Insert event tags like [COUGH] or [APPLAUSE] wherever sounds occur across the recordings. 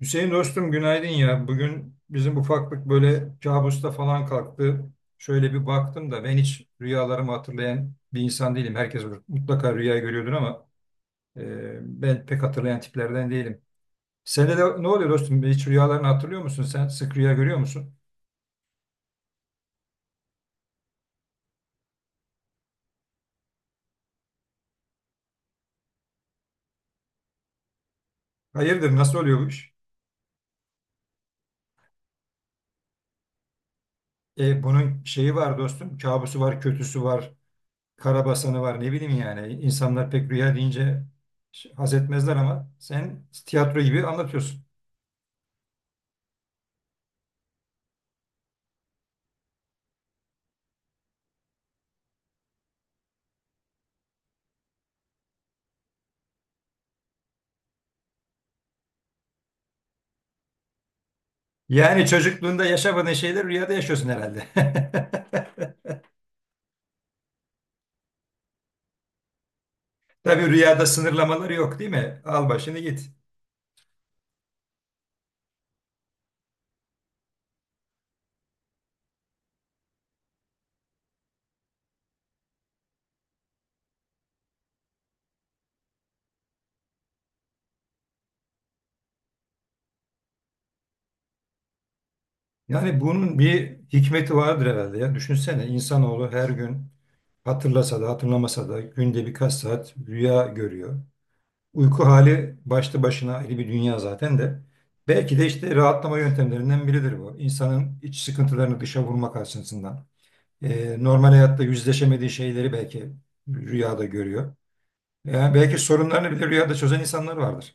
Hüseyin dostum günaydın ya. Bugün bizim ufaklık böyle kabusta falan kalktı. Şöyle bir baktım da ben hiç rüyalarımı hatırlayan bir insan değilim. Herkes mutlaka rüya görüyordur ama ben pek hatırlayan tiplerden değilim. Sende de ne oluyor dostum? Hiç rüyalarını hatırlıyor musun sen? Sık rüya görüyor musun? Hayırdır nasıl oluyor bu iş? Bunun şeyi var dostum. Kabusu var, kötüsü var, karabasanı var ne bileyim yani. İnsanlar pek rüya deyince haz etmezler ama sen tiyatro gibi anlatıyorsun. Yani çocukluğunda yaşamadığın şeyleri rüyada yaşıyorsun herhalde. [LAUGHS] Tabii rüyada sınırlamalar yok değil mi? Al başını git. Yani bunun bir hikmeti vardır herhalde ya. Düşünsene insanoğlu her gün hatırlasa da hatırlamasa da günde birkaç saat rüya görüyor. Uyku hali başlı başına ayrı bir dünya zaten de. Belki de işte rahatlama yöntemlerinden biridir bu. İnsanın iç sıkıntılarını dışa vurmak açısından. Normal hayatta yüzleşemediği şeyleri belki rüyada görüyor. Yani belki sorunlarını bile rüyada çözen insanlar vardır.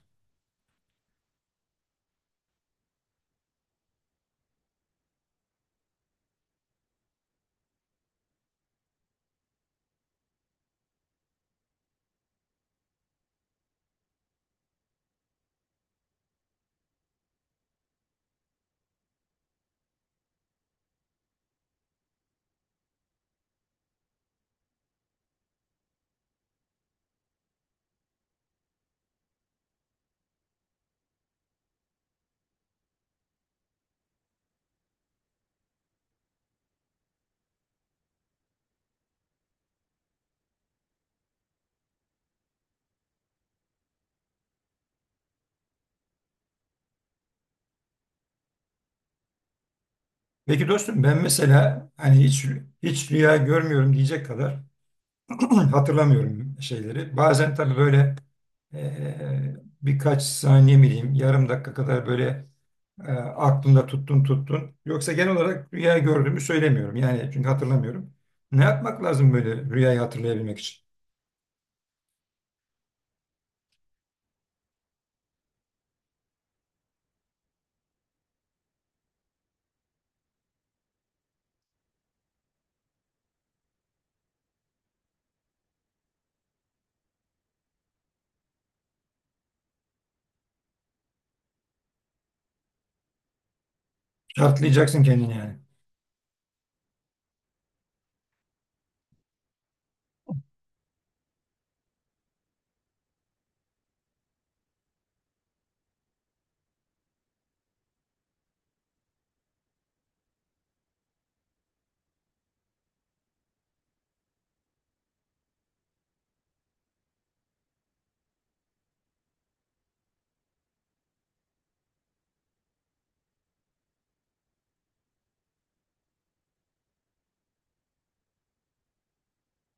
Peki dostum ben mesela hani hiç rüya görmüyorum diyecek kadar [CLEARS THROAT] hatırlamıyorum şeyleri. Bazen tabii böyle e, birkaç saniye mi diyeyim yarım dakika kadar böyle aklımda tuttun. Yoksa genel olarak rüya gördüğümü söylemiyorum. Yani çünkü hatırlamıyorum. Ne yapmak lazım böyle rüyayı hatırlayabilmek için? Şartlayacaksın kendini yani.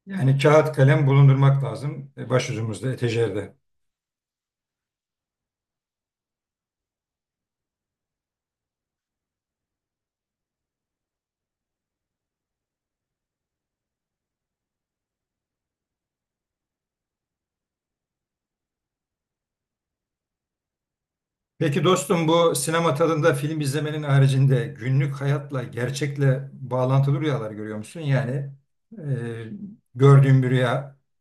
Yani kağıt kalem bulundurmak lazım başucumuzda, etejerde. Peki dostum bu sinema tadında film izlemenin haricinde günlük hayatla, gerçekle bağlantılı rüyalar görüyor musun? Yani e, gördüğün bir rüyada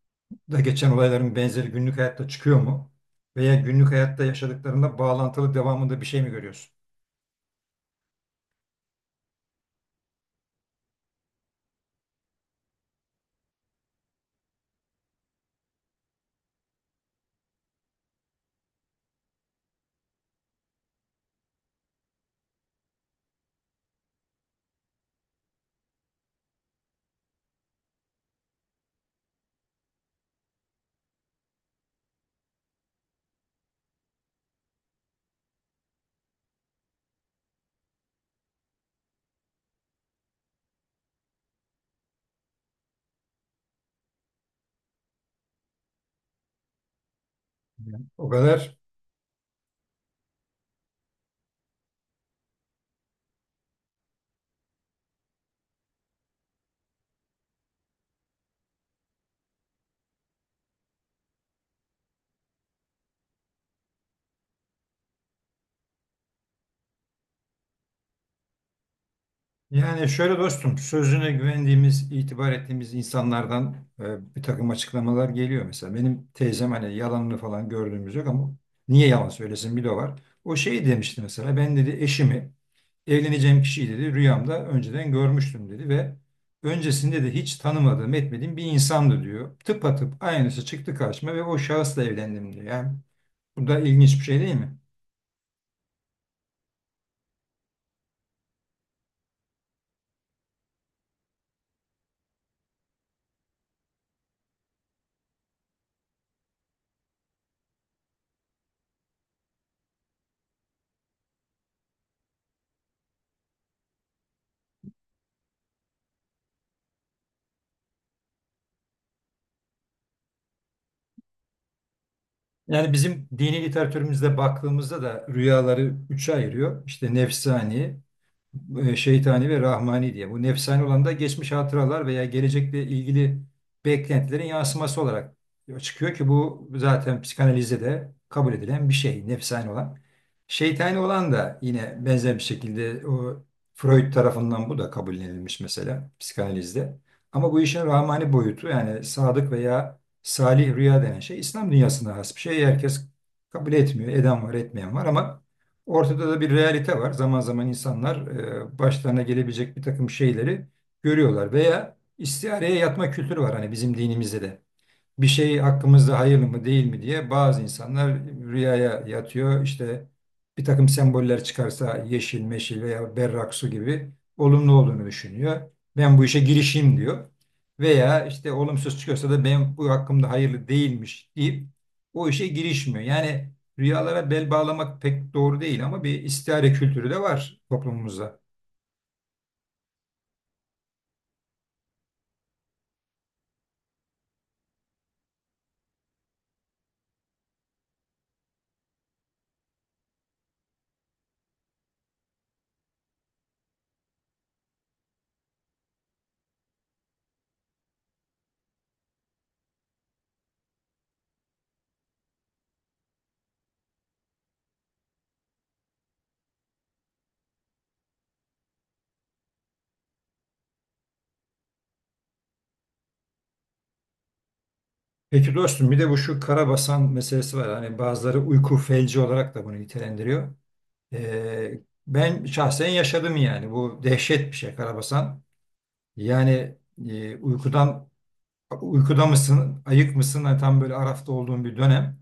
geçen olayların benzeri günlük hayatta çıkıyor mu? Veya günlük hayatta yaşadıklarında bağlantılı devamında bir şey mi görüyorsun? Yani o kadar. Yani şöyle dostum, sözüne güvendiğimiz, itibar ettiğimiz insanlardan bir takım açıklamalar geliyor. Mesela benim teyzem hani yalanını falan gördüğümüz yok ama niye yalan söylesin bir de o var. O şey demişti mesela, ben dedi eşimi, evleneceğim kişiyi dedi rüyamda önceden görmüştüm dedi ve öncesinde de hiç tanımadığım, etmediğim bir insandı diyor. Tıpatıp aynısı çıktı karşıma ve o şahısla evlendim diyor. Yani bu da ilginç bir şey değil mi? Yani bizim dini literatürümüzde baktığımızda da rüyaları üçe ayırıyor. İşte nefsani, şeytani ve rahmani diye. Bu nefsani olan da geçmiş hatıralar veya gelecekle ilgili beklentilerin yansıması olarak çıkıyor ki bu zaten psikanalizde de kabul edilen bir şey nefsani olan. Şeytani olan da yine benzer bir şekilde o Freud tarafından bu da kabullenilmiş mesela psikanalizde. Ama bu işin rahmani boyutu yani sadık veya salih rüya denen şey İslam dünyasına has bir şey. Herkes kabul etmiyor. Eden var, etmeyen var ama ortada da bir realite var. Zaman zaman insanlar başlarına gelebilecek bir takım şeyleri görüyorlar veya istihareye yatma kültürü var hani bizim dinimizde de bir şey hakkımızda hayırlı mı değil mi diye bazı insanlar rüyaya yatıyor. İşte bir takım semboller çıkarsa yeşil, meşil veya berrak su gibi olumlu olduğunu düşünüyor. Ben bu işe girişeyim diyor. Veya işte olumsuz çıkıyorsa da ben bu hakkımda hayırlı değilmiş deyip o işe girişmiyor. Yani rüyalara bel bağlamak pek doğru değil ama bir istihare kültürü de var toplumumuzda. Peki dostum bir de bu şu karabasan meselesi var. Hani bazıları uyku felci olarak da bunu nitelendiriyor. Ee, ben şahsen yaşadım yani. Bu dehşet bir şey karabasan. Yani e, uykudan uykuda mısın, ayık mısın? Hani tam böyle arafta olduğun bir dönem.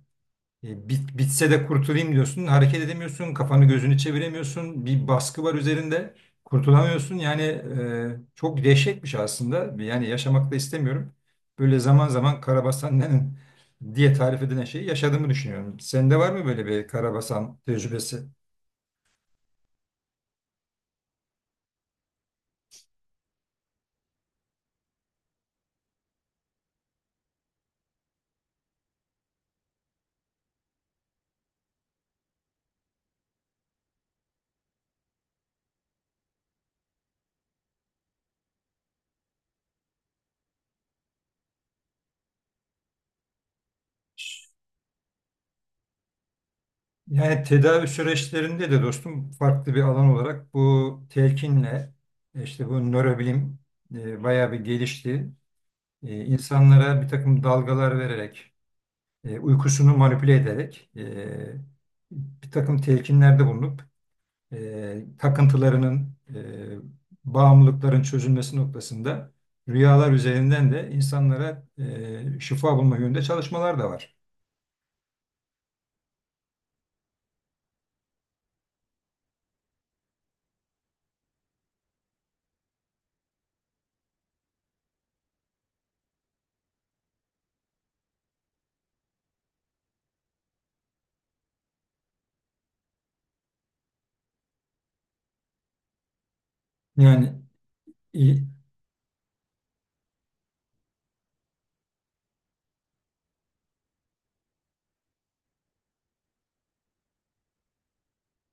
Bitse de kurtulayım diyorsun. Hareket edemiyorsun. Kafanı gözünü çeviremiyorsun. Bir baskı var üzerinde. Kurtulamıyorsun. Yani çok dehşetmiş aslında. Yani yaşamak da istemiyorum. Böyle zaman zaman karabasan nenin [LAUGHS] diye tarif edilen şeyi yaşadığımı düşünüyorum. Sende var mı böyle bir karabasan tecrübesi? Yani tedavi süreçlerinde de dostum farklı bir alan olarak bu telkinle işte bu nörobilim bayağı bir gelişti. İnsanlara bir takım dalgalar vererek, uykusunu manipüle ederek bir takım telkinlerde bulunup takıntılarının, bağımlılıkların çözülmesi noktasında rüyalar üzerinden de insanlara şifa bulma yönünde çalışmalar da var. Yani i-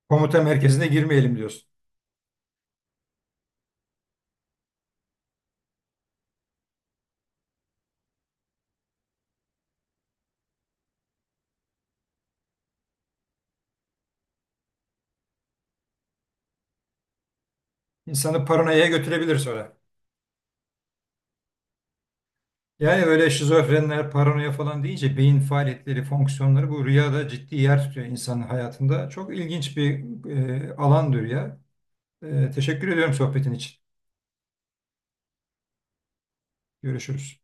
Komuta merkezine girmeyelim diyorsun. İnsanı paranoyaya götürebilir sonra. Yani böyle şizofrenler, paranoya falan deyince beyin faaliyetleri, fonksiyonları bu rüyada ciddi yer tutuyor insanın hayatında. Çok ilginç bir alandır ya. Teşekkür ediyorum sohbetin için. Görüşürüz.